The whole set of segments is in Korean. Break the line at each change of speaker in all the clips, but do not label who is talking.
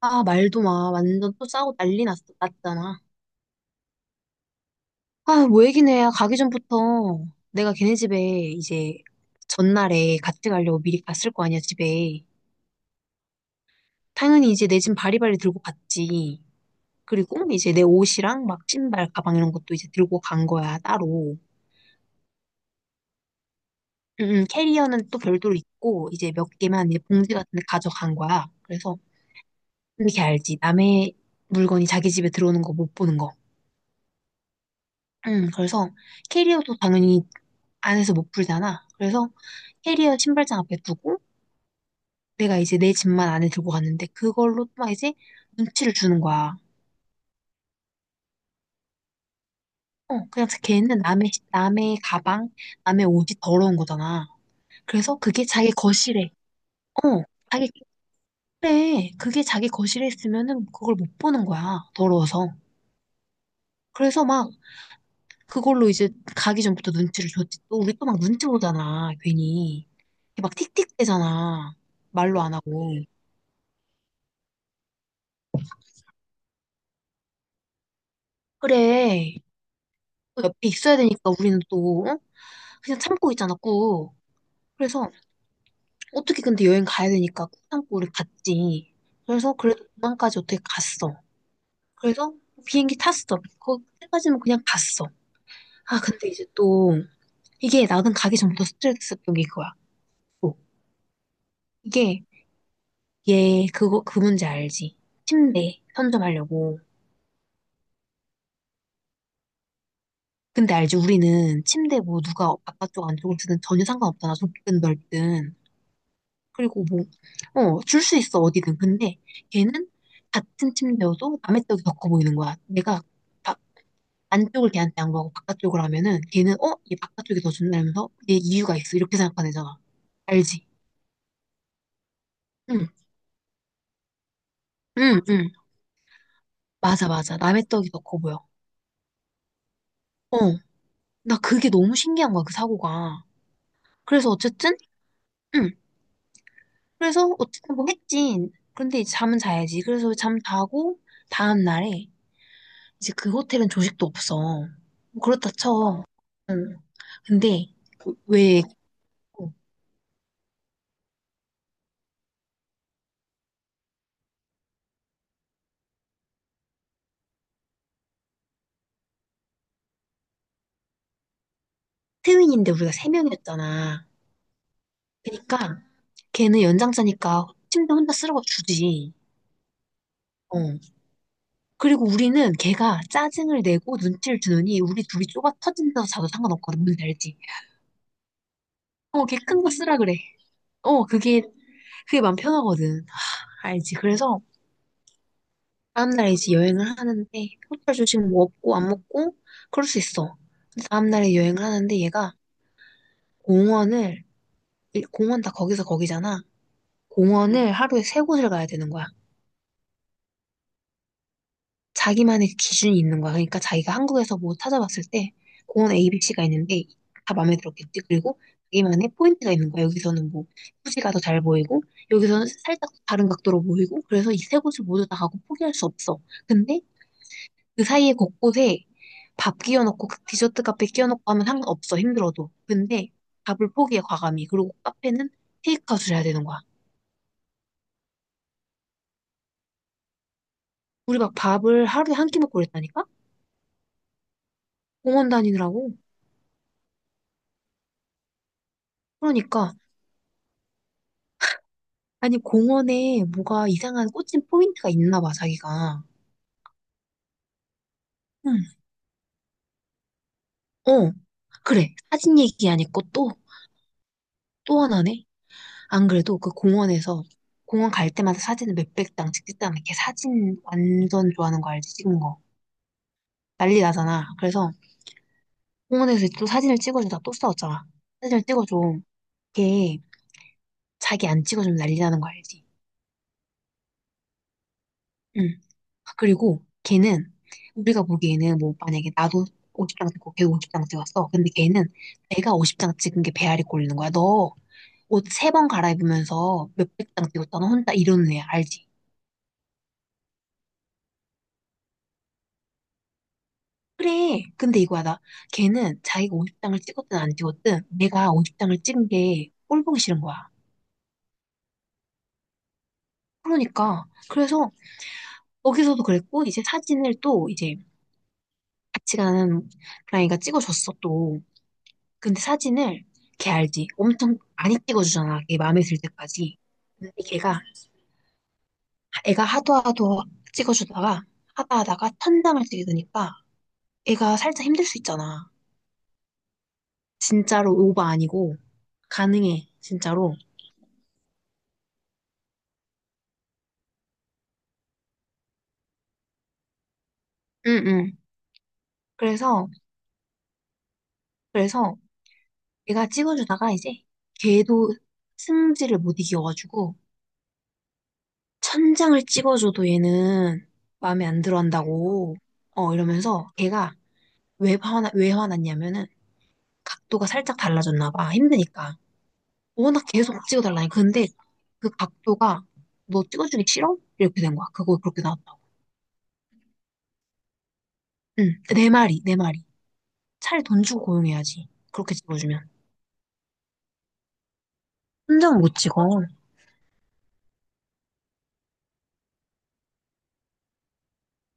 아, 말도 마. 완전 또 싸우고 난리 났잖아. 아, 뭐 얘기는 해. 가기 전부터 내가 걔네 집에 이제 전날에 같이 가려고 미리 갔을 거 아니야, 집에. 당연히 이제 내 짐 바리바리 들고 갔지. 그리고 이제 내 옷이랑 막 신발, 가방 이런 것도 이제 들고 간 거야, 따로. 캐리어는 또 별도로 있고, 이제 몇 개만 이제 봉지 같은 데 가져간 거야. 그래서 이렇게 알지. 남의 물건이 자기 집에 들어오는 거 못 보는 거. 그래서 캐리어도 당연히 안에서 못 풀잖아. 그래서 캐리어 신발장 앞에 두고 내가 이제 내 짐만 안에 들고 갔는데 그걸로 막 이제 눈치를 주는 거야. 어, 그냥 걔는 남의 가방, 남의 옷이 더러운 거잖아. 그래서 그게 자기 거실에, 어, 자기 그래. 그게 자기 거실에 있으면은 그걸 못 보는 거야. 더러워서. 그래서 막 그걸로 이제 가기 전부터 눈치를 줬지. 또 우리 또 막 눈치 보잖아, 괜히. 이렇게 막 틱틱대잖아. 말로 안 하고. 그래. 또 옆에 있어야 되니까 우리는 또 어? 그냥 참고 있잖아, 꾹. 그래서 어떻게 근데 여행 가야 되니까 꾹 참고 우리 갔지. 그래서 그래도 도망까지 어떻게 갔어. 그래서 비행기 탔어. 거기까지는 그냥 갔어. 아, 근데 이제 또 이게 나는 가기 전부터 스트레스 받던 게 그거야. 또. 이게 얘 그거 그 문제 알지? 침대 선점하려고. 근데 알지? 우리는 침대 뭐 누가 바깥쪽 안쪽으로 쓰든 전혀 상관없잖아. 좁든 넓든. 그리고 뭐, 어, 줄 수 있어 어디든. 근데 걔는 같은 침대여도 남의 떡이 더 커 보이는 거야. 내가 바- 안쪽을 걔한테 양보하고 바깥쪽을 하면은 걔는 어? 얘 바깥쪽이 더 좋나 면서 얘 이유가 있어. 이렇게 생각하는 애잖아. 알지? 응, 응, 응. 맞아, 맞아. 남의 떡이 더 커 보여. 어, 나 그게 너무 신기한 거야, 그 사고가. 그래서 어쨌든, 응. 그래서 어쨌든 뭐 했지. 그런데 이제 잠은 자야지. 그래서 잠 자고 다음 날에 이제 그 호텔은 조식도 없어. 뭐 그렇다 쳐. 응. 근데 그왜 트윈인데 우리가 세 명이었잖아. 그러니까 걔는 연장자니까 침대 혼자 쓰라고 주지. 어. 그리고 우리는 걔가 짜증을 내고 눈치를 주느니 우리 둘이 좁아 터진 데서 자도 상관없거든. 뭔지 알지? 어, 걔 큰 거 쓰라 그래. 어, 그게 그게 마음 편하거든. 알지? 그래서 다음날에 이제 여행을 하는데 호텔 조식 뭐 없고 안 먹고 그럴 수 있어. 근데 다음날에 여행을 하는데 얘가 공원을 공원 다 거기서 거기잖아. 공원을 응, 하루에 세 곳을 가야 되는 거야. 자기만의 기준이 있는 거야. 그러니까 자기가 한국에서 뭐 찾아봤을 때 공원 A, B, C가 있는데 다 마음에 들었겠지. 그리고 자기만의 포인트가 있는 거야. 여기서는 뭐 후지가 더 잘 보이고 여기서는 살짝 다른 각도로 보이고 그래서 이 세 곳을 모두 다 가고 포기할 수 없어. 근데 그 사이에 곳곳에 밥 끼워놓고 그 디저트 카페 끼워놓고 하면 상관없어 힘들어도. 근데 밥을 포기해 과감히. 그리고 카페는 테이크아웃을 해야 되는 거야. 우리 막 밥을 하루에 한 끼 먹고 그랬다니까. 공원 다니느라고. 그러니까 아니 공원에 뭐가 이상한 꽂힌 포인트가 있나 봐 자기가. 응. 어. 그래, 사진 얘기 안 했고 또, 또 하나네. 안 그래도 그 공원에서 공원 갈 때마다 사진을 몇백 장 찍겠다는 걔. 사진 완전 좋아하는 거 알지. 찍은 거 난리 나잖아. 그래서 공원에서 또 사진을 찍어주다 또 싸웠잖아. 사진을 찍어줘. 걔 자기 안 찍어주면 난리 나는 거 알지? 응. 아, 그리고 걔는, 우리가 보기에는 뭐 만약에 나도 50장 찍고 걔도 50장 찍었어. 근데 걔는 내가 50장 찍은 게 배알이 꼴리는 거야. 너 옷 세 번 갈아입으면서 몇백 장 찍었잖아. 혼자 이러는 애야. 알지? 그래. 근데 이거야. 나 걔는 자기가 50장을 찍었든 안 찍었든 내가 50장을 찍은 게 꼴 보기 싫은 거야. 그러니까. 그래서 거기서도 그랬고 이제 사진을 또 이제 같이 가는 그랑이가 찍어줬어, 또. 근데 사진을 걔 알지? 엄청 많이 찍어주잖아. 걔 마음에 들 때까지. 근데 걔가, 애가 하도 하도 찍어주다가, 하다 하다가 천장을 찍게 되니까 애가 살짝 힘들 수 있잖아. 진짜로 오바 아니고, 가능해, 진짜로. 응, 응. 그래서, 그래서 얘가 찍어주다가 이제 걔도 승질을 못 이겨가지고, 천장을 찍어줘도 얘는 마음에 안 들어 한다고. 어, 이러면서 걔가 왜 화나, 왜 화났냐면은 각도가 살짝 달라졌나 봐. 힘드니까. 워낙 계속 찍어달라니. 근데 그 각도가 너 찍어주기 싫어? 이렇게 된 거야. 그거 그렇게 나왔다고. 응, 내 말이, 내 말이. 차라리 돈 주고 고용해야지. 그렇게 찍어주면. 혼자는 못 찍어.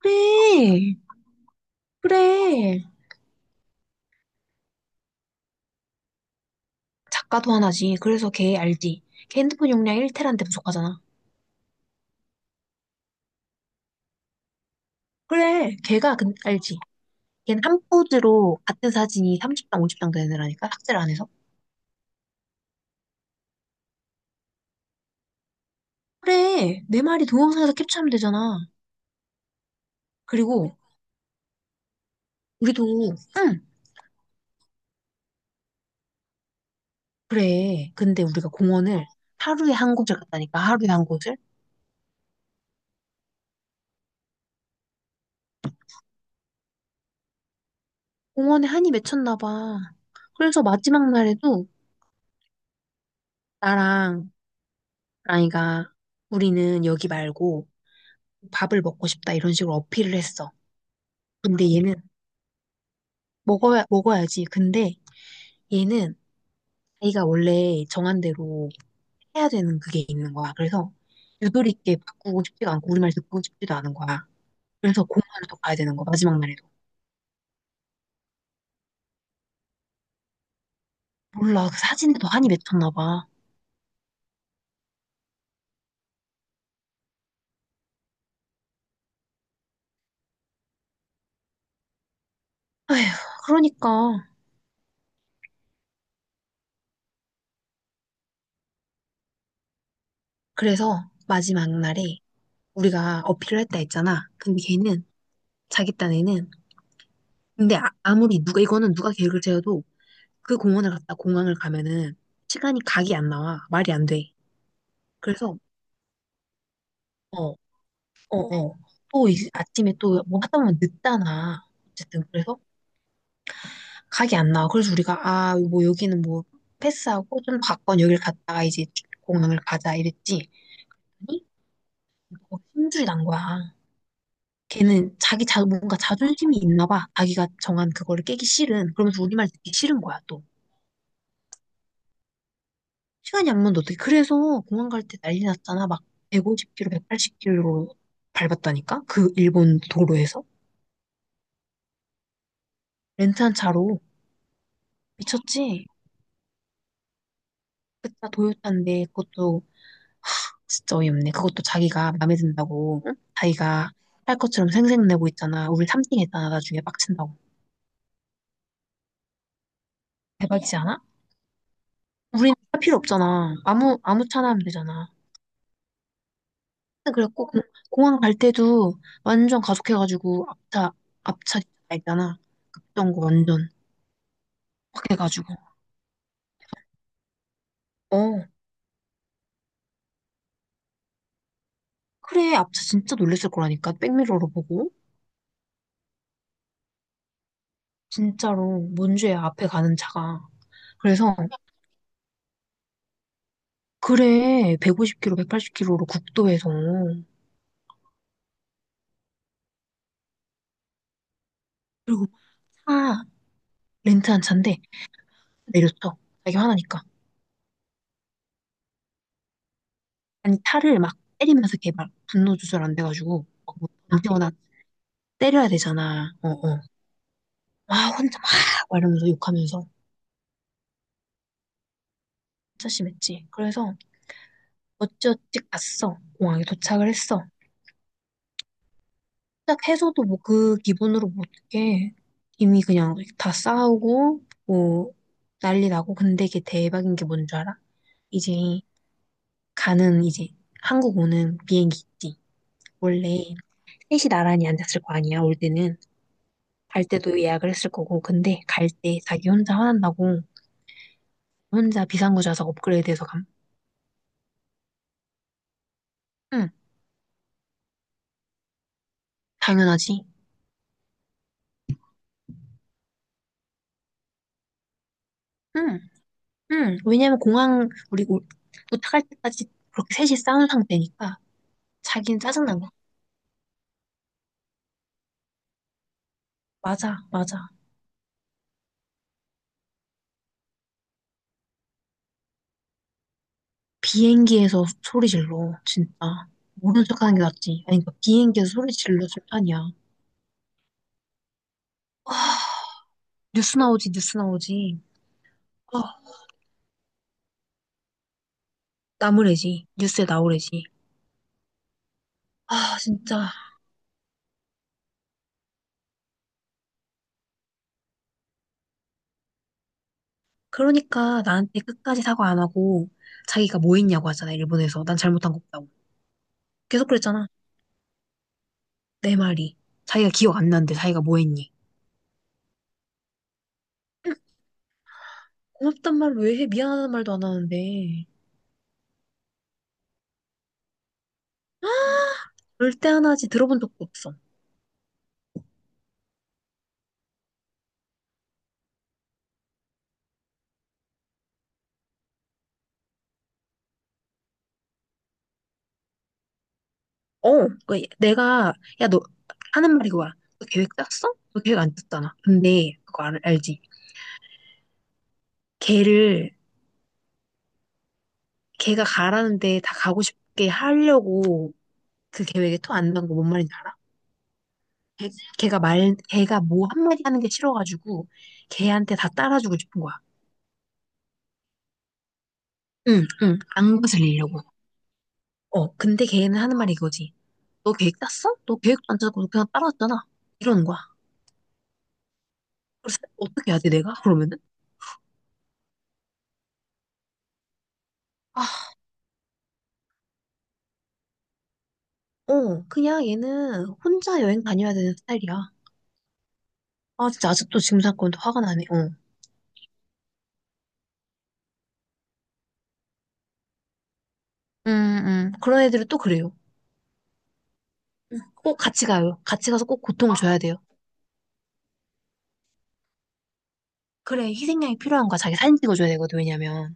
그래, 그래. 작가도 하나지. 그래서 걔 알지. 걔 핸드폰 용량 1테라인데 부족하잖아. 그래, 알지. 걔는 한 포즈로 같은 사진이 30장, 50장 되는 애라니까, 삭제를 안 해서. 그래, 내 말이 동영상에서 캡처하면 되잖아. 그리고 우리도, 응, 그래. 근데 우리가 공원을 하루에 한 곳을 갔다니까, 하루에 한 곳을. 공원에 한이 맺혔나 봐. 그래서 마지막 날에도 나랑 라이가 우리는 여기 말고 밥을 먹고 싶다 이런 식으로 어필을 했어. 근데 얘는 먹어야지. 근데 얘는 자기가 원래 정한 대로 해야 되는 그게 있는 거야. 그래서 유도리 있게 바꾸고 싶지가 않고 우리 말 듣고 싶지도 않은 거야. 그래서 공항을 또 가야 되는 거, 마지막 날에도. 몰라, 그 사진에 더 한이 맺혔나 봐. 에휴, 그러니까. 그래서 마지막 날에 우리가 어필을 했다 했잖아. 근데 걔는, 자기 딴에는, 근데 아, 무리 누가, 이거는 누가 계획을 세워도 그 공원을 갔다 공항을 가면은 시간이 각이 안 나와. 말이 안 돼. 그래서, 어, 어, 어. 또 아침에 또 뭐 하다 보면 늦잖아. 어쨌든, 그래서 각이 안 나와. 그래서 우리가 아, 뭐 여기는 뭐 패스하고 좀 바꿔 여길 갔다가 이제 공항을 가자 이랬지. 아니, 뭐 힘줄이 난 거야. 걔는 뭔가 자존심이 있나 봐. 자기가 정한 그거를 깨기 싫은. 그러면서 우리말 듣기 싫은 거야, 또. 시간이 안 맞는데 어떻게. 그래서 공항 갈 때 난리 났잖아. 막 150km, 180km로 밟았다니까? 그 일본 도로에서? 렌트한 차로. 미쳤지? 그차 도요타인데 그것도 진짜 어이없네. 그것도 자기가 마음에 든다고 응? 자기가 할 것처럼 생색내고 있잖아. 우리 3등 했잖아. 나중에 빡친다고. 대박이지 않아? 우린 할 필요 없잖아. 아무 차나 하면 되잖아. 근데 그래갖고 공항 갈 때도 완전 가속해가지고 앞차 있잖아. 급정거 완전 확 해가지고. 어. 그래 앞차 진짜 놀랬을 거라니까. 백미러로 보고 진짜로 뭔 죄야 앞에 가는 차가. 그래서 그래 150km, 180km로 국도에서. 그리고 차 렌트 한 차인데 내렸어. 자기 화나니까. 아니 차를 막 때리면서 개발 분노 조절 안 돼가지고 막뭐 나 때려야 되잖아. 어어. 와 혼자 막 말하면서 욕하면서 진짜 심했지. 그래서 어찌어찌 갔어. 공항에 도착을 했어. 도착해서도 뭐 그 기분으로 뭐 못해. 이미 그냥 다 싸우고 뭐 난리 나고. 근데 이게 대박인 게 뭔 줄 알아? 이제 가는 이제 한국 오는 비행기 있지. 원래 셋이 나란히 앉았을 거 아니야, 올 때는. 갈 때도 예약을 했을 거고. 근데 갈 때 자기 혼자 화난다고 혼자 비상구좌석 업그레이드해서 감. 응, 당연하지. 응, 응. 왜냐면 공항 도착할 때까지 그렇게 셋이 싸운 상태니까 자기는 짜증난 거야. 맞아, 맞아. 비행기에서 소리 질러, 진짜. 모른 척하는 게 낫지. 아니, 그러니까 비행기에서 소리 질러 술탄이야. 아 뉴스 나오지, 뉴스 나오지. 아, 나무래지. 뉴스에 나오래지. 아, 진짜. 그러니까 나한테 끝까지 사과 안 하고 자기가 뭐 했냐고 하잖아, 일본에서. 난 잘못한 거 없다고. 계속 그랬잖아. 내 말이. 자기가 기억 안 나는데 자기가 뭐 했니? 고맙단 말 왜 해? 미안하다는 말도 안 하는데. 그럴 때 하나지 들어본 적도 없어. 어, 그 내가 야 너 하는 말이 그거야. 너 계획 짰어? 너 계획 안 짰잖아. 근데 그거 알, 알지? 걔를 걔가 가라는데 다 가고 싶게 하려고 그 계획에 토 안 난 거 뭔 말인지 알아? 걔, 걔가 뭐 한마디 하는 게 싫어가지고 걔한테 다 따라주고 싶은 거야. 응, 응, 안 거슬리려고. 어, 근데 걔는 하는 말이 이거지. 너 계획 짰어? 너 계획도 안 짜고 그냥 따라왔잖아. 이러는 거야. 그래서 어떻게 해야 돼, 내가? 그러면은? 아, 어, 그냥 얘는 혼자 여행 다녀야 되는 스타일이야. 아, 진짜 아직도 지금 사건도 화가 나네, 어. 그런 애들은 또 그래요. 음. 꼭 같이 가요. 같이 가서 꼭 고통을 줘야 돼요. 그래, 희생양이 필요한 거야. 자기 사진 찍어줘야 되거든, 왜냐면.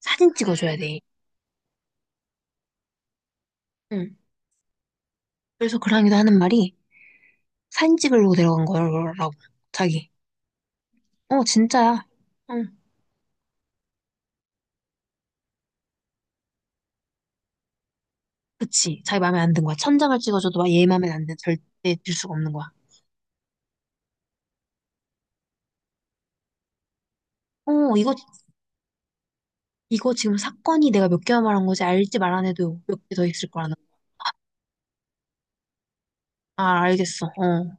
사진 찍어줘야 돼. 그래서 그랑이도 하는 말이 사진 찍으려고 데려간 거라고. 자기. 어, 진짜야. 응. 그치. 자기 마음에 안 든 거야. 천장을 찍어줘도 막얘 마음에 안 든, 절대 들 수가 없는 거야. 어, 이거 지금 사건이 내가 몇 개만 말한 거지. 알지 말 안 해도 몇 개 더 있을 거라는 거야. 아, 알겠어. 어.